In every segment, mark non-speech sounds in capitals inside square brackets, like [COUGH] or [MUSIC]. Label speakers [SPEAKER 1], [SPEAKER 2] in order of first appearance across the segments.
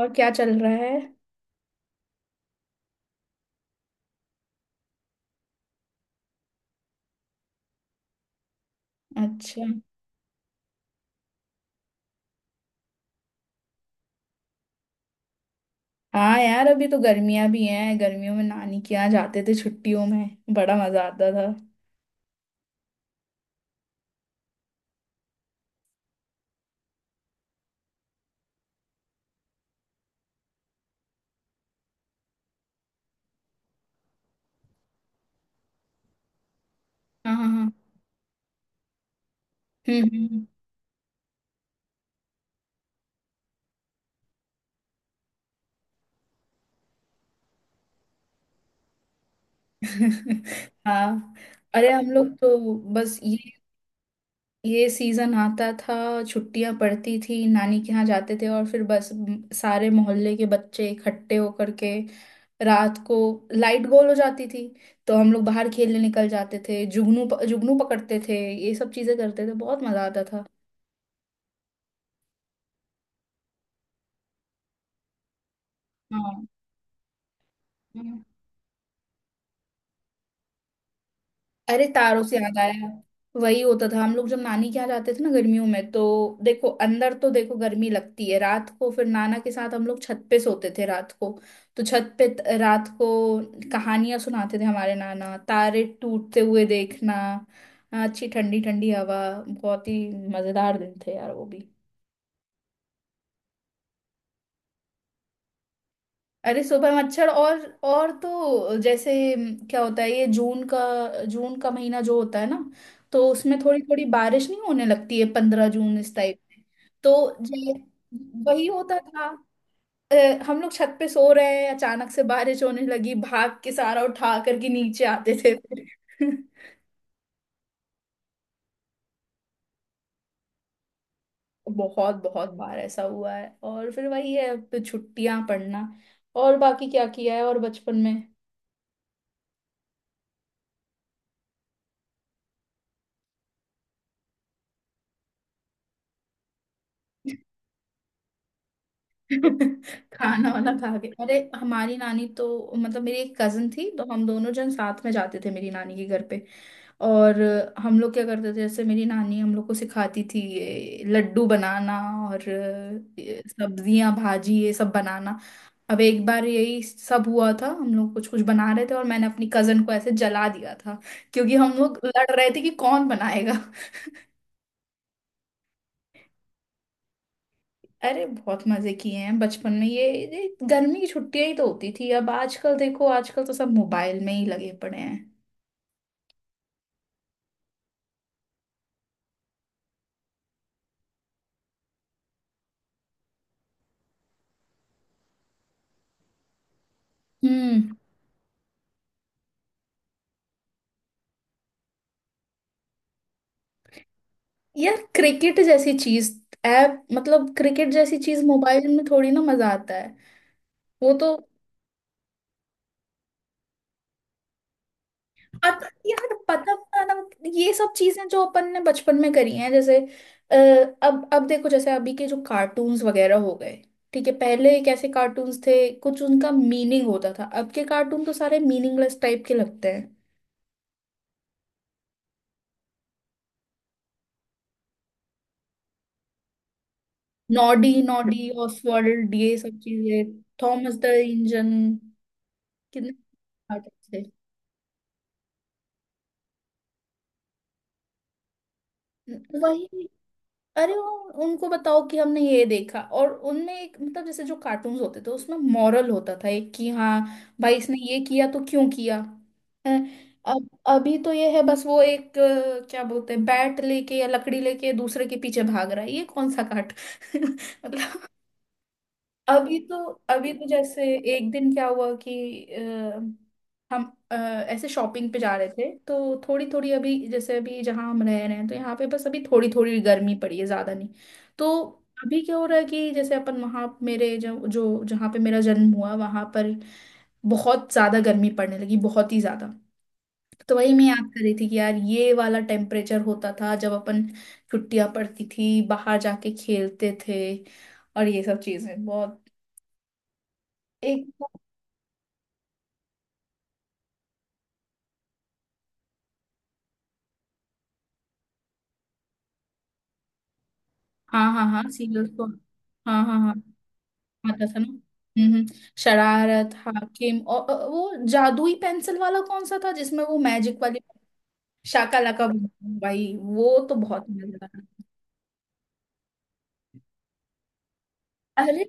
[SPEAKER 1] और क्या चल रहा है? अच्छा। हाँ यार, अभी तो गर्मियां भी हैं, गर्मियों में नानी के यहाँ जाते थे, छुट्टियों में बड़ा मजा आता था। हाँ हाँ हाँ। हम्म। [LAUGHS] हाँ। अरे हम लोग तो बस ये सीजन आता था। छुट्टियां पड़ती थी, नानी के यहाँ जाते थे और फिर बस सारे मोहल्ले के बच्चे इकट्ठे होकर के रात को लाइट गोल हो जाती थी, तो हम लोग बाहर खेलने निकल जाते थे, जुगनू पकड़ते थे, ये सब चीजें करते थे, बहुत मजा आता था। हाँ। हम्म। अरे, तारों से याद आया। वही होता था, हम लोग जब नानी के यहाँ जाते थे ना गर्मियों में, तो देखो अंदर तो देखो गर्मी लगती है रात को, फिर नाना के साथ हम लोग छत पे सोते थे रात को, तो छत पे रात को कहानियां सुनाते थे हमारे नाना, तारे टूटते हुए देखना, अच्छी ठंडी ठंडी हवा। बहुत ही मजेदार दिन थे यार वो भी। अरे सुबह मच्छर, और तो जैसे क्या होता है ये जून का, जून का महीना जो होता है ना, तो उसमें थोड़ी थोड़ी बारिश नहीं होने लगती है 15 जून इस टाइप में, तो ये वही होता था। अ, हम लोग छत पे सो रहे हैं, अचानक से बारिश होने लगी, भाग के सारा उठा करके नीचे आते थे फिर। [LAUGHS] बहुत बहुत बार ऐसा हुआ है, और फिर वही है, फिर छुट्टियां पड़ना। और बाकी क्या किया है और बचपन में? [LAUGHS] खाना वाना खा के, अरे हमारी नानी तो मतलब मेरी एक कजन थी, तो हम दोनों जन साथ में जाते थे मेरी नानी के घर पे, और हम लोग क्या करते थे जैसे मेरी नानी हम लोग को सिखाती थी ये लड्डू बनाना और सब्जियां भाजी ये सब बनाना। अब एक बार यही सब हुआ था, हम लोग कुछ कुछ बना रहे थे और मैंने अपनी कजन को ऐसे जला दिया था क्योंकि हम लोग लड़ रहे थे कि कौन बनाएगा। अरे बहुत मजे किए हैं बचपन में, ये गर्मी की छुट्टियां ही तो होती थी, अब आजकल देखो, आजकल तो सब मोबाइल में ही लगे पड़े हैं। हम्म। यार क्रिकेट जैसी चीज, ऐप मतलब क्रिकेट जैसी चीज मोबाइल में थोड़ी ना मजा आता है। वो तो यार पता बताना, ये सब चीजें जो अपन ने बचपन में करी हैं जैसे, अ, अब देखो जैसे अभी के जो कार्टून्स वगैरह हो गए, ठीक है पहले कैसे कार्टून्स थे, कुछ उनका मीनिंग होता था, अब के कार्टून तो सारे मीनिंगलेस टाइप के लगते हैं। नॉडी, नॉडी, ऑसवर्ल्ड, ये सब चीजें, थॉमस द इंजन, कितने आर्टिस्ट थे। वही। अरे वो, उनको बताओ कि हमने ये देखा, और उनमें एक मतलब जैसे जो कार्टून्स होते थे उसमें मॉरल होता था एक, कि हाँ भाई इसने ये किया तो क्यों किया है। अब अभी तो ये है बस वो एक क्या बोलते हैं, बैट लेके या लकड़ी लेके दूसरे के पीछे भाग रहा है ये कौन सा काट। [LAUGHS] मतलब अभी तो जैसे एक दिन क्या हुआ कि हम ऐसे शॉपिंग पे जा रहे थे, तो थोड़ी थोड़ी अभी जैसे अभी जहाँ हम रह रहे हैं तो यहाँ पे बस अभी थोड़ी थोड़ी गर्मी पड़ी है, ज़्यादा नहीं, तो अभी क्या हो रहा है कि जैसे अपन वहाँ मेरे जो जो जहाँ पे मेरा जन्म हुआ वहाँ पर बहुत ज़्यादा गर्मी पड़ने लगी, बहुत ही ज़्यादा। तो वही मैं याद कर रही थी कि यार ये वाला टेम्परेचर होता था जब अपन छुट्टियाँ पड़ती थी बाहर जाके खेलते थे और ये सब चीज़ें बहुत, एक। हाँ हाँ हाँ, सीरियल्स को। हाँ हाँ हाँ। आता था ना। हम्म। शरारत, हाकिम और वो जादुई पेंसिल वाला कौन सा था जिसमें वो मैजिक वाली। शाका लाका बूम बूम, भाई वो तो बहुत मजेदार था। अरे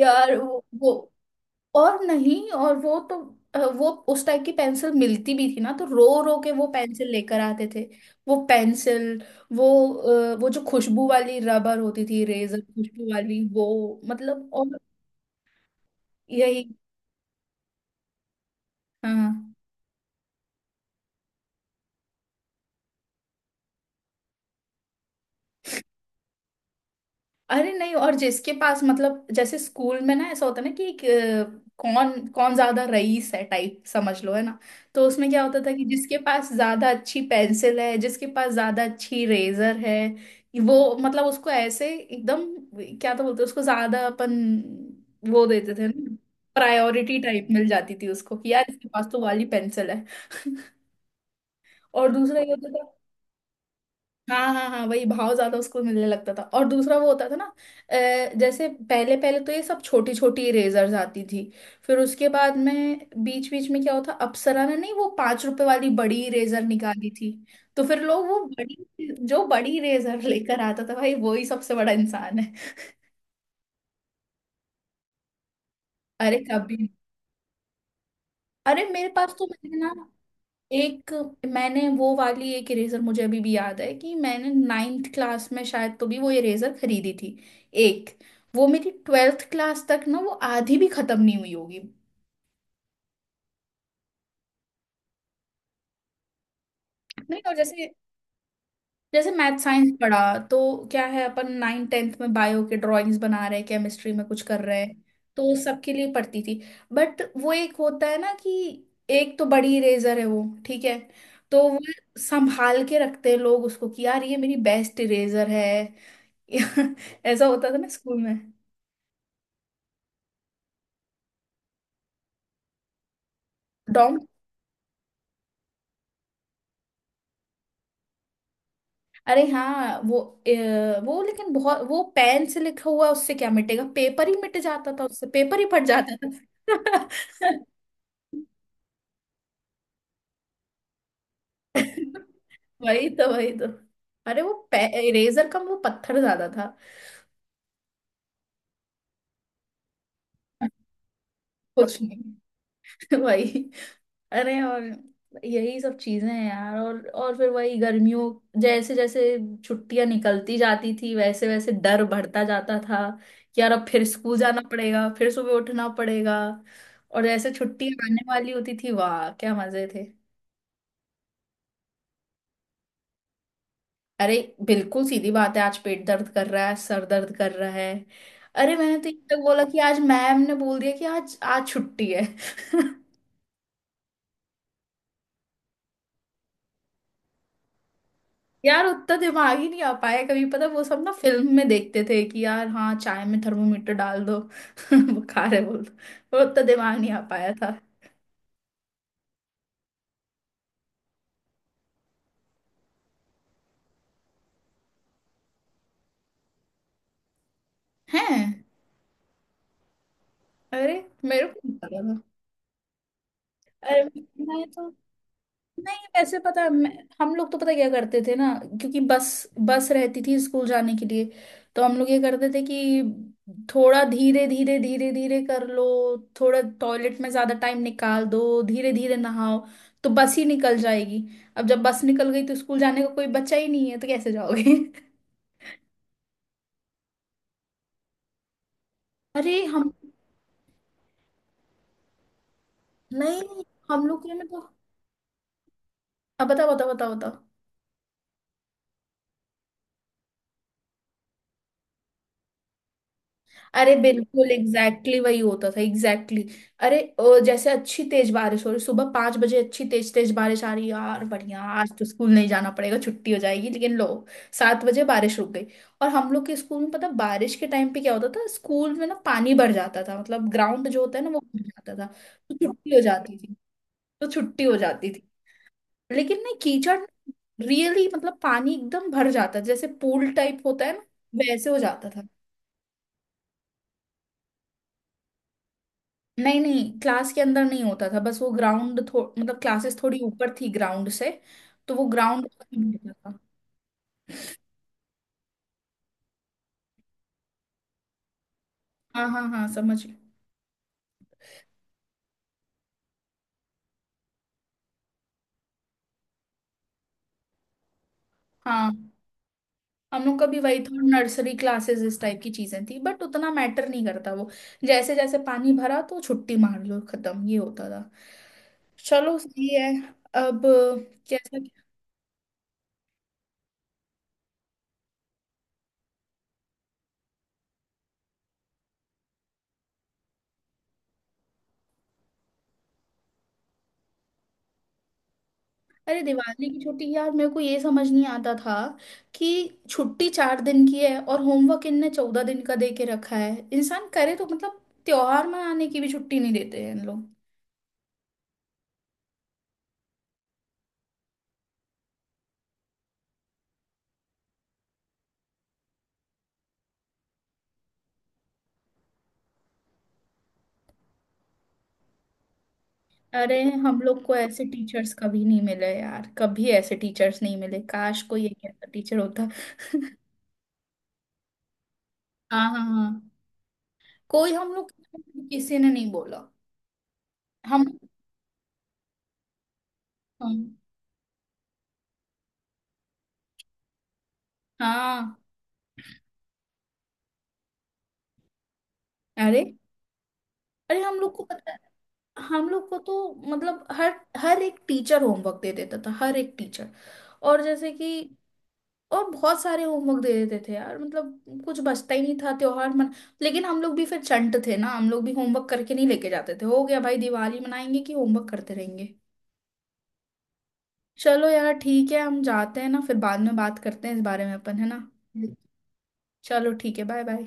[SPEAKER 1] यार वो और नहीं और वो तो वो उस टाइप की पेंसिल मिलती भी थी ना, तो रो रो के वो पेंसिल लेकर आते थे, वो पेंसिल, वो वो जो खुशबू वाली रबर होती थी रेजर खुशबू वाली वो मतलब, और यही। हाँ। अरे नहीं, और जिसके पास मतलब जैसे स्कूल में ना ऐसा होता है ना कि कौन कौन ज्यादा रईस है टाइप समझ लो है ना, तो उसमें क्या होता था कि जिसके पास ज्यादा अच्छी पेंसिल है जिसके पास ज्यादा अच्छी रेजर है, वो मतलब उसको ऐसे एकदम क्या तो बोलते हैं, उसको ज्यादा अपन वो देते थे ना, प्रायोरिटी टाइप मिल जाती थी उसको कि यार इसके पास तो वाली पेंसिल है। [LAUGHS] और दूसरा ये होता था, हाँ हाँ हाँ, वही भाव ज्यादा उसको मिलने लगता था और दूसरा वो होता था ना, जैसे पहले पहले तो ये सब छोटी छोटी इरेजर्स आती थी, फिर उसके बाद में बीच बीच में क्या होता, अप्सरा ने नहीं वो 5 रुपए वाली बड़ी इरेजर निकाली थी, तो फिर लोग वो बड़ी, जो बड़ी इरेजर लेकर आता था भाई वो ही सबसे बड़ा इंसान है। अरे कभी, अरे मेरे पास तो मैंने ना एक, मैंने वो वाली एक इरेजर मुझे अभी भी याद है कि मैंने 9th क्लास में शायद तो भी वो इरेजर खरीदी थी, एक, वो मेरी 12th क्लास तक ना वो आधी भी खत्म नहीं हुई होगी। नहीं, और जैसे जैसे मैथ साइंस पढ़ा तो क्या है, अपन नाइन टेंथ में बायो के ड्राइंग्स बना रहे हैं, केमिस्ट्री में कुछ कर रहे हैं, तो सबके लिए पढ़ती थी, बट वो एक होता है ना कि एक तो बड़ी इरेजर है वो, ठीक है तो वो संभाल के रखते हैं लोग उसको कि यार ये मेरी बेस्ट इरेजर है। [LAUGHS] ऐसा होता था ना स्कूल में। डॉम। अरे हाँ वो, वो लेकिन बहुत, वो पेन से लिखा हुआ उससे क्या मिटेगा, पेपर ही मिट जाता था उससे, पेपर ही फट जाता था। [LAUGHS] वही तो, वही तो। अरे वो इरेजर का वो पत्थर ज्यादा था कुछ नहीं। [LAUGHS] वही। अरे और यही सब चीजें हैं यार, और फिर वही गर्मियों जैसे जैसे छुट्टियां निकलती जाती थी वैसे वैसे डर बढ़ता जाता था कि यार अब फिर स्कूल जाना पड़ेगा, फिर सुबह उठना पड़ेगा। और जैसे छुट्टियां आने वाली होती थी, वाह क्या मजे थे। अरे बिल्कुल सीधी बात है, आज पेट दर्द कर रहा है, सर दर्द कर रहा है। अरे मैंने तो ये तक बोला कि आज मैम ने बोल दिया कि आज आज छुट्टी है। [LAUGHS] यार उतना दिमाग ही नहीं आ पाया कभी, पता वो सब ना फिल्म में देखते थे कि यार हाँ चाय में थर्मोमीटर डाल दो [LAUGHS] बुखार है बोल दो। वो उतना दिमाग नहीं आ पाया था। हैं? अरे मेरे को नहीं पता। अरे, मैं तो नहीं वैसे पता है, हम लोग तो पता क्या करते थे ना, क्योंकि बस बस रहती थी स्कूल जाने के लिए, तो हम लोग ये करते थे कि थोड़ा धीरे धीरे धीरे धीरे कर लो, थोड़ा टॉयलेट में ज्यादा टाइम निकाल दो, धीरे धीरे नहाओ, तो बस ही निकल जाएगी, अब जब बस निकल गई तो स्कूल जाने का कोई बच्चा ही नहीं है तो कैसे जाओगे। [LAUGHS] अरे हम नहीं नहीं, हम लोग के में तो अब बताओ बताओ बताओ बताओ। अरे बिल्कुल एग्जैक्टली वही होता था, एग्जैक्टली exactly. अरे जैसे अच्छी तेज बारिश हो रही सुबह 5 बजे, अच्छी तेज तेज बारिश आ रही, यार बढ़िया आज तो स्कूल नहीं जाना पड़ेगा, छुट्टी हो जाएगी, लेकिन लो, 7 बजे बारिश रुक गई। और हम लोग के स्कूल में पता बारिश के टाइम पे क्या होता था, स्कूल में ना पानी भर जाता था, मतलब ग्राउंड जो होता है ना वो भर जाता था, तो छुट्टी हो जाती थी, तो छुट्टी हो जाती थी, लेकिन ना कीचड़ रियली मतलब पानी एकदम भर जाता जैसे पूल टाइप होता है ना, वैसे हो जाता था। नहीं नहीं क्लास के अंदर नहीं होता था, बस वो ग्राउंड मतलब क्लासेस थोड़ी ऊपर थी ग्राउंड से, तो वो ग्राउंड होता था। हाँ हाँ हाँ समझ गई। हाँ हम लोग का भी वही था, नर्सरी क्लासेस इस टाइप की चीजें थी बट उतना मैटर नहीं करता वो, जैसे जैसे पानी भरा तो छुट्टी मार लो, खत्म, ये होता था। चलो सही है। अब कैसा? अरे दिवाली की छुट्टी यार मेरे को ये समझ नहीं आता था कि छुट्टी 4 दिन की है और होमवर्क इनने 14 दिन का दे के रखा है, इंसान करे तो, मतलब त्योहार मनाने की भी छुट्टी नहीं देते हैं इन लोग। अरे हम लोग को ऐसे टीचर्स कभी नहीं मिले यार, कभी ऐसे टीचर्स नहीं मिले, काश कोई एक ऐसा टीचर होता। हाँ हाँ हाँ। कोई हम लोग, किसी ने नहीं बोला। हम हाँ हाँ। अरे। अरे हम लोग को पता है, हम लोग को तो मतलब हर हर एक टीचर होमवर्क दे देता था हर एक टीचर। और जैसे कि और बहुत सारे होमवर्क दे देते थे यार, मतलब कुछ बचता ही नहीं था त्योहार मन। लेकिन हम लोग भी फिर चंट थे ना, हम लोग भी होमवर्क करके नहीं लेके जाते थे, हो गया भाई दिवाली मनाएंगे कि होमवर्क करते रहेंगे। चलो यार ठीक है, हम जाते हैं ना, फिर बाद में बात करते हैं इस बारे में अपन, है ना? चलो ठीक है बाय बाय।